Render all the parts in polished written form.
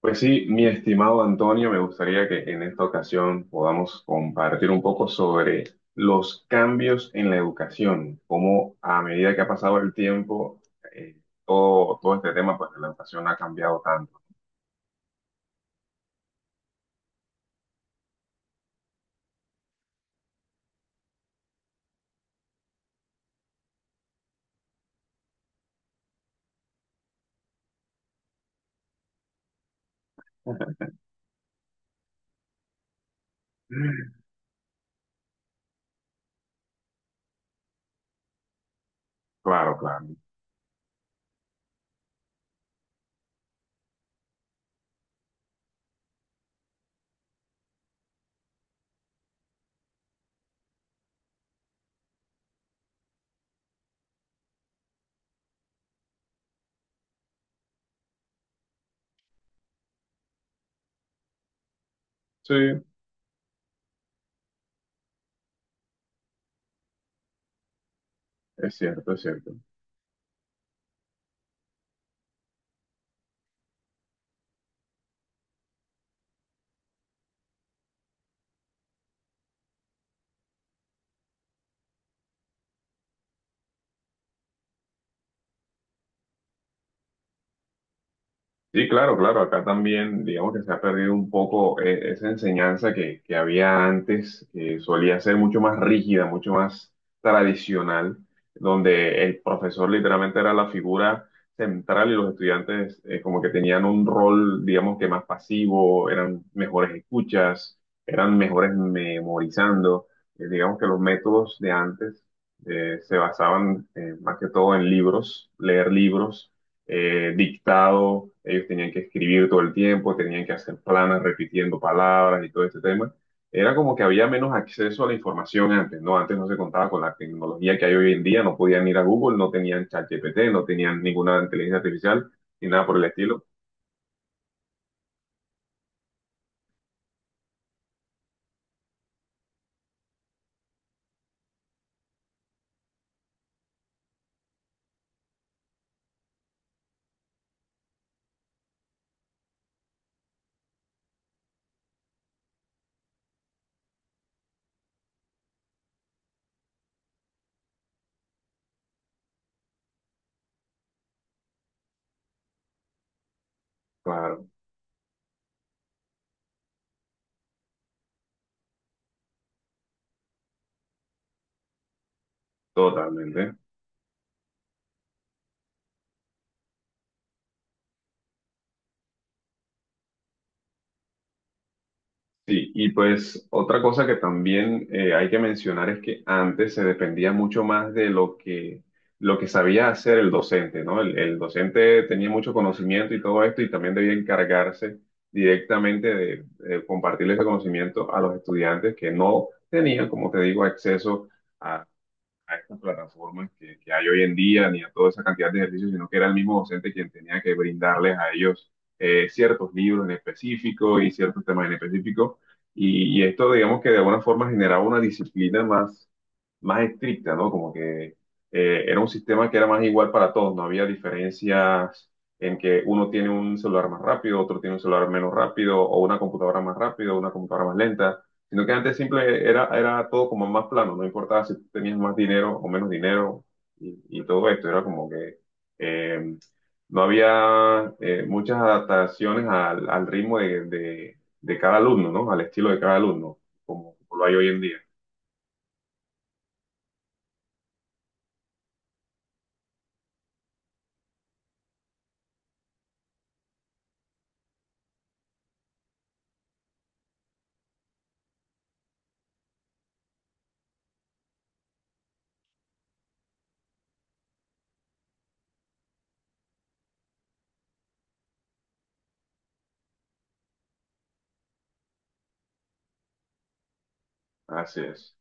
Pues sí, mi estimado Antonio, me gustaría que en esta ocasión podamos compartir un poco sobre los cambios en la educación, cómo a medida que ha pasado el tiempo, eh, todo este tema, pues la educación ha cambiado tanto. Claro, claro. Sí, es cierto, es cierto. Sí, claro, claro, acá también digamos que se ha perdido un poco, esa enseñanza que había antes, que solía ser mucho más rígida, mucho más tradicional, donde el profesor literalmente era la figura central, y los estudiantes, como que tenían un rol, digamos que más pasivo, eran mejores escuchas, eran mejores memorizando. Digamos que los métodos de antes se basaban más que todo en libros, leer libros, dictado, ellos tenían que escribir todo el tiempo, tenían que hacer planas repitiendo palabras y todo este tema. Era como que había menos acceso a la información antes, ¿no? Antes no se contaba con la tecnología que hay hoy en día, no podían ir a Google, no tenían ChatGPT, no tenían ninguna inteligencia artificial ni nada por el estilo. Claro, totalmente. Sí, y pues otra cosa que también, hay que mencionar, es que antes se dependía mucho más de lo que sabía hacer el docente, ¿no? El docente tenía mucho conocimiento y todo esto, y también debía encargarse directamente de compartir ese conocimiento a los estudiantes, que no tenían, como te digo, acceso a estas plataformas que hay hoy en día, ni a toda esa cantidad de ejercicios, sino que era el mismo docente quien tenía que brindarles a ellos, ciertos libros en específico y ciertos temas en específico. Y esto, digamos que de alguna forma generaba una disciplina más, más estricta, ¿no? Como que, era un sistema que era más igual para todos, no había diferencias en que uno tiene un celular más rápido, otro tiene un celular menos rápido, o una computadora más rápido, una computadora más lenta, sino que antes simple era, era todo como más plano, no importaba si tú tenías más dinero o menos dinero, y todo esto era como que, eh, no había, muchas adaptaciones al, al ritmo de, de cada alumno, ¿no? Al estilo de cada alumno, como, como lo hay hoy en día. Así es.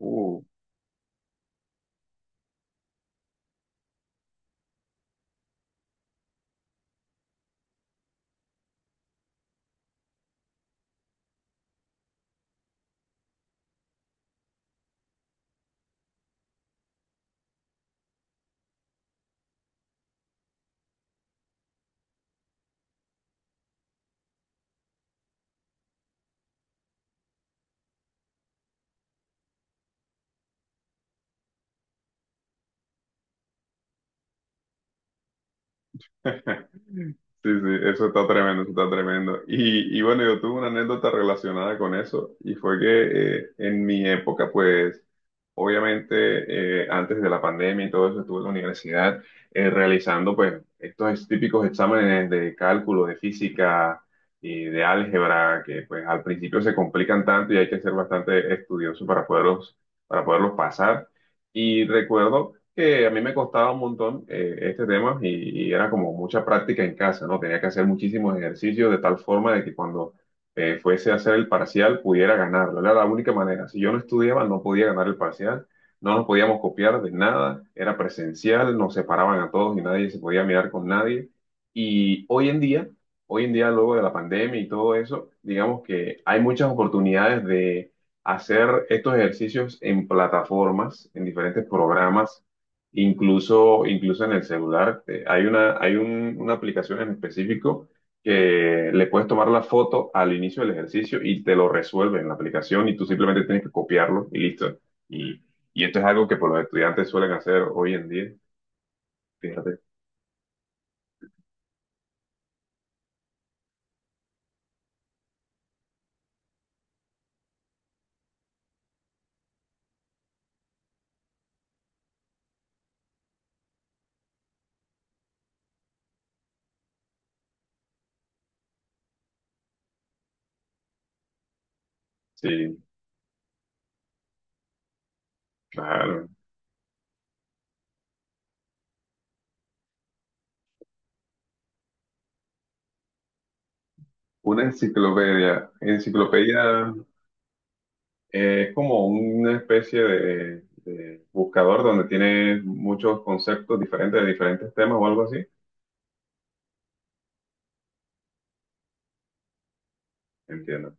Uh. Sí, sí, eso está tremendo, eso está tremendo. Y bueno, yo tuve una anécdota relacionada con eso, y fue que, en mi época, pues, obviamente, antes de la pandemia y todo eso, estuve en la universidad realizando, pues, estos típicos exámenes de cálculo, de física y de álgebra que, pues, al principio se complican tanto y hay que ser bastante estudioso para poderlos pasar. Y recuerdo que a mí me costaba un montón, este tema, y era como mucha práctica en casa, ¿no? Tenía que hacer muchísimos ejercicios, de tal forma de que cuando fuese a hacer el parcial pudiera ganarlo. Era la única manera. Si yo no estudiaba, no podía ganar el parcial. No nos podíamos copiar de nada. Era presencial, nos separaban a todos y nadie se podía mirar con nadie. Y hoy en día, luego de la pandemia y todo eso, digamos que hay muchas oportunidades de hacer estos ejercicios en plataformas, en diferentes programas. Incluso, incluso en el celular, hay una, hay una aplicación en específico que le puedes tomar la foto al inicio del ejercicio y te lo resuelve en la aplicación, y tú simplemente tienes que copiarlo y listo. Y, y esto es algo que por los estudiantes suelen hacer hoy en día. Fíjate, sí, claro. Una enciclopedia. Enciclopedia, es como una especie de buscador donde tiene muchos conceptos diferentes de diferentes temas o algo así. Entiendo.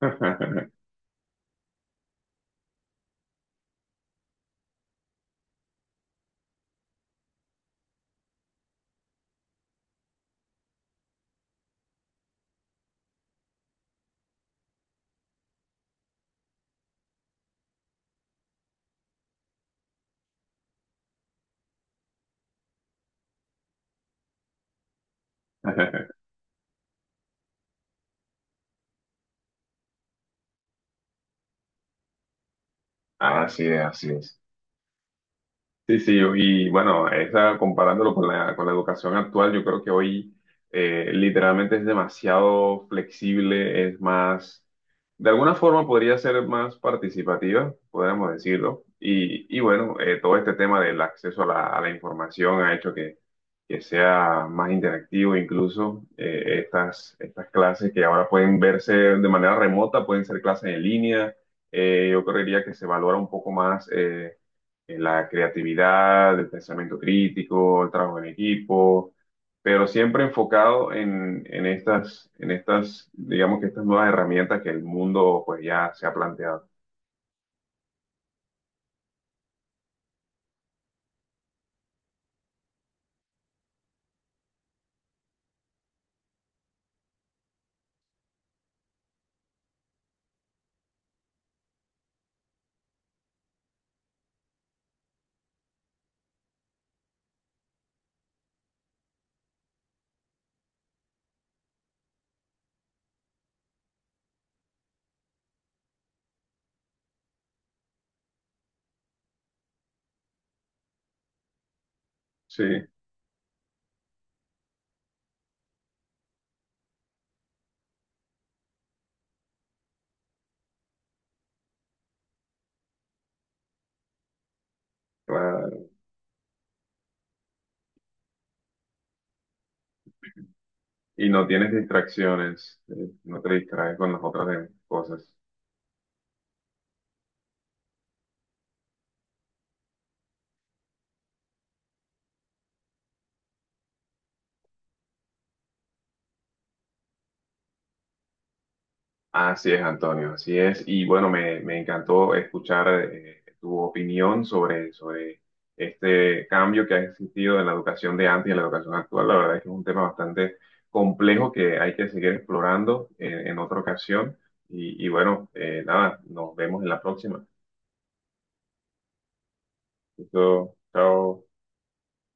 Así es, así es. Sí, sí, y bueno, esa, comparándolo con la educación actual, yo creo que hoy, literalmente es demasiado flexible, es más, de alguna forma podría ser más participativa, podríamos decirlo, y bueno, todo este tema del acceso a la información ha hecho que sea más interactivo, incluso, estas, estas clases que ahora pueden verse de manera remota, pueden ser clases en línea, yo creería que se valora un poco más. La creatividad, el pensamiento crítico, el trabajo en equipo, pero siempre enfocado en estas, digamos que estas nuevas herramientas que el mundo pues ya se ha planteado. Sí, claro. Y no tienes distracciones, no te distraes con las otras, cosas. Así es, Antonio, así es. Y bueno, me encantó escuchar, tu opinión sobre, sobre este cambio que ha existido en la educación de antes y en la educación actual. La verdad es que es un tema bastante complejo que hay que seguir explorando en otra ocasión. Y bueno, nada, nos vemos en la próxima. Listo, chao.